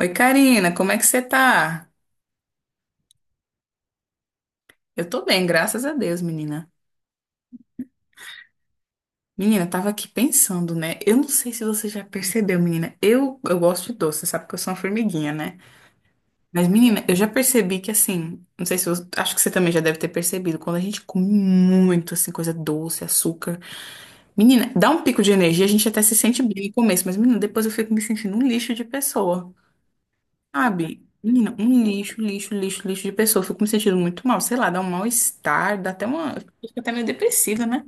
Oi, Karina, como é que você tá? Eu tô bem, graças a Deus, menina. Menina, eu tava aqui pensando, né? Eu não sei se você já percebeu, menina. Eu gosto de doce, você sabe que eu sou uma formiguinha, né? Mas, menina, eu já percebi que, assim, não sei se você, acho que você também já deve ter percebido, quando a gente come muito, assim, coisa doce, açúcar. Menina, dá um pico de energia, a gente até se sente bem no começo, mas, menina, depois eu fico me sentindo um lixo de pessoa. Sabe, menina, um lixo, lixo, lixo, lixo de pessoa. Eu fico me sentindo muito mal, sei lá, dá um mal-estar, dá até uma. Fica até meio depressiva, né?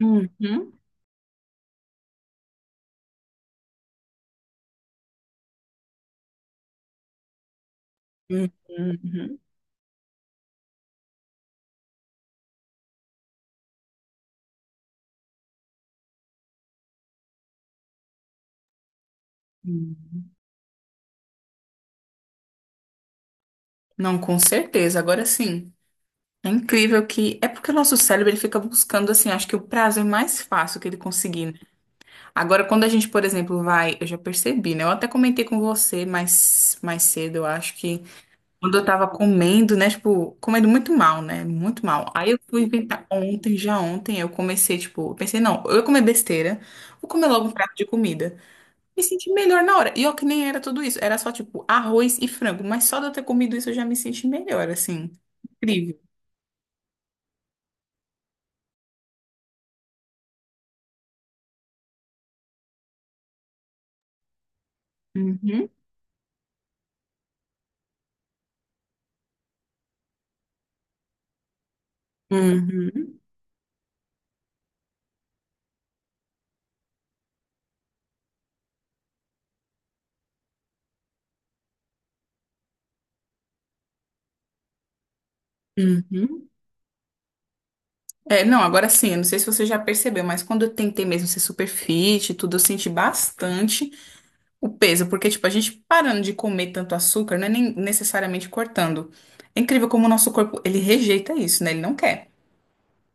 Uhum, uhum, uhum, uhum. Não, com certeza. Agora sim, é incrível que. É porque o nosso cérebro ele fica buscando, assim, acho que o prazer mais fácil que ele conseguir, né? Agora, quando a gente, por exemplo, vai. Eu já percebi, né? Eu até comentei com você mais cedo, eu acho que. Quando eu tava comendo, né? Tipo, comendo muito mal, né? Muito mal. Aí eu fui inventar ontem, já ontem, eu comecei, tipo, eu pensei, não, eu ia comer besteira, vou comer logo um prato de comida. Me senti melhor na hora. E ó, que nem era tudo isso. Era só, tipo, arroz e frango. Mas só de eu ter comido isso eu já me senti melhor, assim. Incrível. Uhum. Uhum. Uhum. É, não, agora sim, eu não sei se você já percebeu, mas quando eu tentei mesmo ser super fit e tudo, eu senti bastante. O peso, porque, tipo, a gente parando de comer tanto açúcar, não é nem necessariamente cortando. É incrível como o nosso corpo, ele rejeita isso, né? Ele não quer.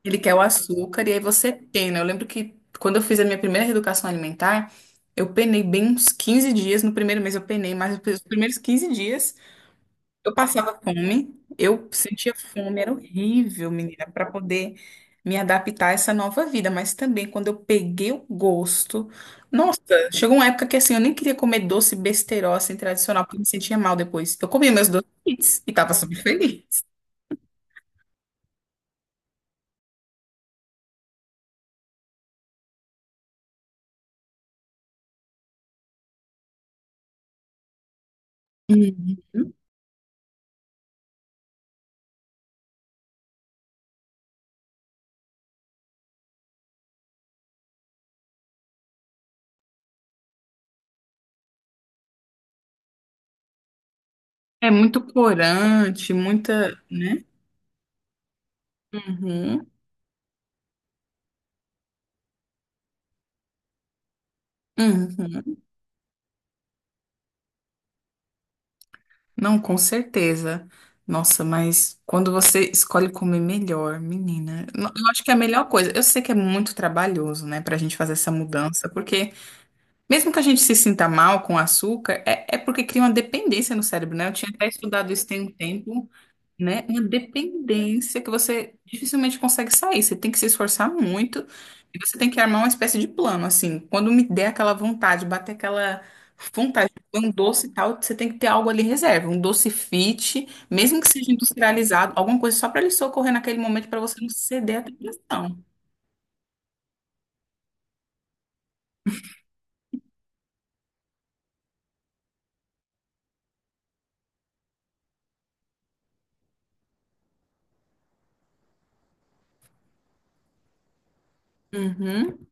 Ele quer o açúcar e aí você pena. Eu lembro que quando eu fiz a minha primeira reeducação alimentar, eu penei bem uns 15 dias. No primeiro mês eu penei, mas os primeiros 15 dias eu passava fome, eu sentia fome, era horrível, menina, para poder me adaptar a essa nova vida. Mas também, quando eu peguei o gosto, nossa, chegou uma época que assim, eu nem queria comer doce besteirol, assim, tradicional, porque eu me sentia mal depois. Eu comia meus doces e tava super feliz. Uhum. É muito corante, muita, né? Uhum. Uhum. Não, com certeza. Nossa, mas quando você escolhe comer melhor, menina, eu acho que é a melhor coisa. Eu sei que é muito trabalhoso, né, pra gente fazer essa mudança, porque mesmo que a gente se sinta mal com o açúcar, é porque cria uma dependência no cérebro, né? Eu tinha até estudado isso tem um tempo, né? Uma dependência que você dificilmente consegue sair. Você tem que se esforçar muito e você tem que armar uma espécie de plano, assim. Quando me der aquela vontade, bater aquela vontade de comer um doce e tal, você tem que ter algo ali em reserva, um doce fit, mesmo que seja industrializado, alguma coisa só para ele socorrer naquele momento para você não ceder à tentação. Uhum.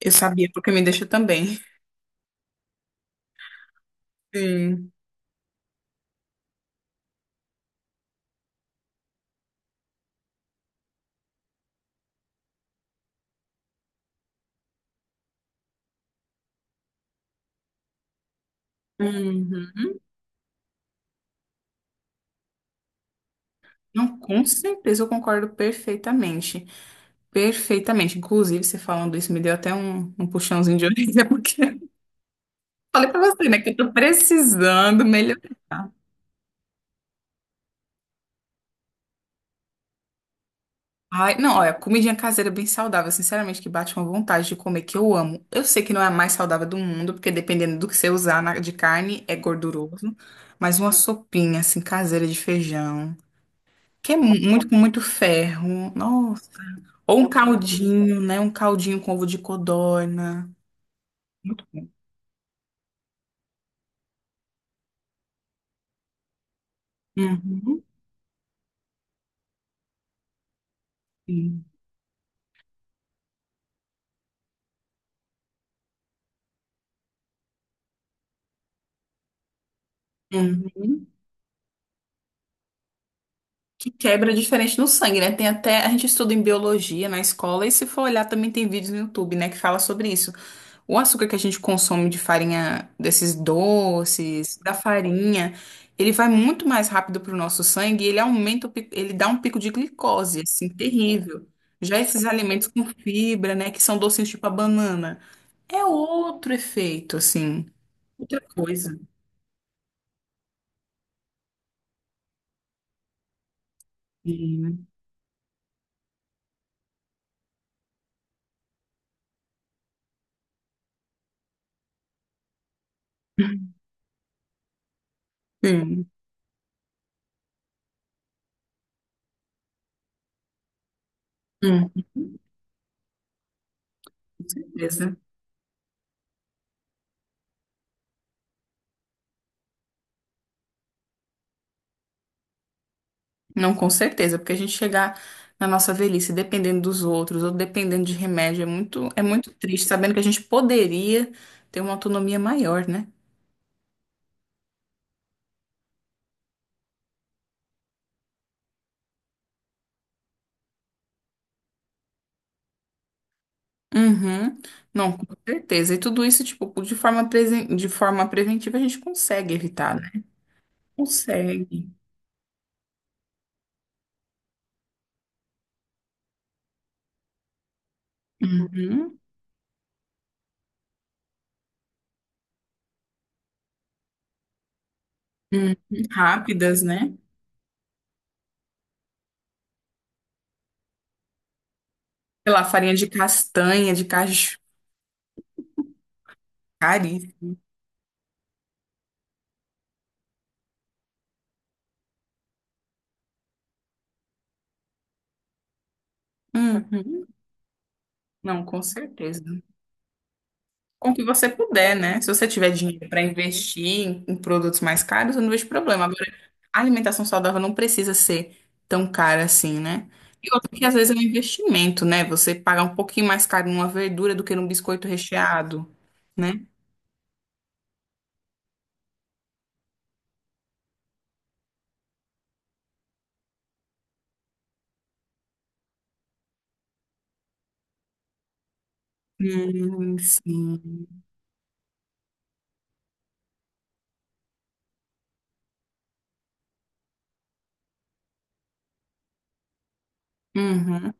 Eu sabia porque me deixa também. Sim. Uhum. Não, com certeza eu concordo perfeitamente. Perfeitamente. Inclusive, você falando isso me deu até um puxãozinho de orelha, porque falei pra você, né, que eu tô precisando melhorar. Ai, não, olha, comidinha caseira bem saudável, sinceramente, que bate uma vontade de comer, que eu amo. Eu sei que não é a mais saudável do mundo, porque dependendo do que você usar de carne, é gorduroso. Mas uma sopinha, assim, caseira de feijão, que é muito com muito ferro, nossa. Ou um caldinho, né, um caldinho com ovo de codorna. Muito bom. Uhum. Sim. Uhum. Que quebra diferente no sangue, né? Tem até, a gente estuda em biologia na escola e se for olhar também tem vídeos no YouTube, né, que fala sobre isso. O açúcar que a gente consome de farinha, desses doces, da farinha, ele vai muito mais rápido para o nosso sangue e ele aumenta, ele dá um pico de glicose, assim, terrível. Já esses alimentos com fibra, né, que são docinhos tipo a banana, é outro efeito, assim, outra coisa. Sim, sim, hum, com certeza. Não, com certeza, porque a gente chegar na nossa velhice dependendo dos outros ou dependendo de remédio é muito triste, sabendo que a gente poderia ter uma autonomia maior, né? Uhum. Não, com certeza. E tudo isso, tipo, de forma, de forma preventiva a gente consegue evitar, né? Consegue. Uhum. Uhum. Rápidas, né? Sei lá, farinha de castanha, de caju, cari. Uhum. Não, com certeza. Com o que você puder, né? Se você tiver dinheiro para investir em produtos mais caros, eu não vejo problema. Agora, a alimentação saudável não precisa ser tão cara assim, né? E outro que às vezes é um investimento, né? Você pagar um pouquinho mais caro numa verdura do que num biscoito recheado, né? Sim. Uhum.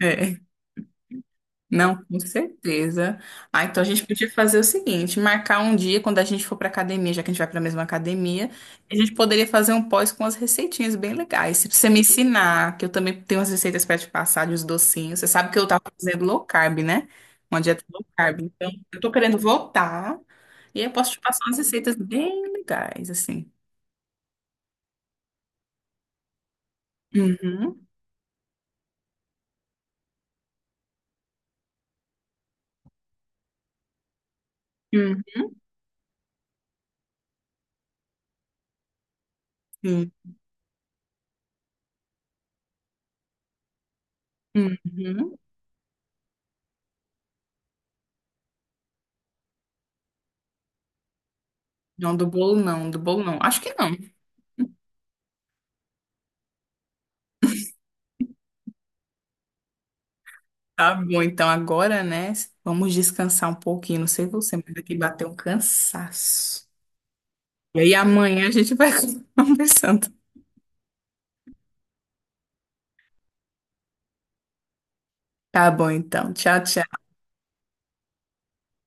É. Não, com certeza. Ah, então a gente podia fazer o seguinte, marcar um dia quando a gente for para academia, já que a gente vai para a mesma academia, a gente poderia fazer um pós com as receitinhas bem legais. Se você me ensinar, que eu também tenho as receitas para te passar de os docinhos. Você sabe que eu tava fazendo low carb, né? Uma dieta low carb. Então, eu tô querendo voltar e eu posso te passar umas receitas bem legais, assim. Uhum. Uhum. Sim. Uhum. Não, do bolo não, do bolo não. Acho que não. Tá bom, então agora, né? Vamos descansar um pouquinho. Não sei você, mas aqui bateu um cansaço. E aí amanhã a gente vai conversando. Tá bom, então. Tchau, tchau.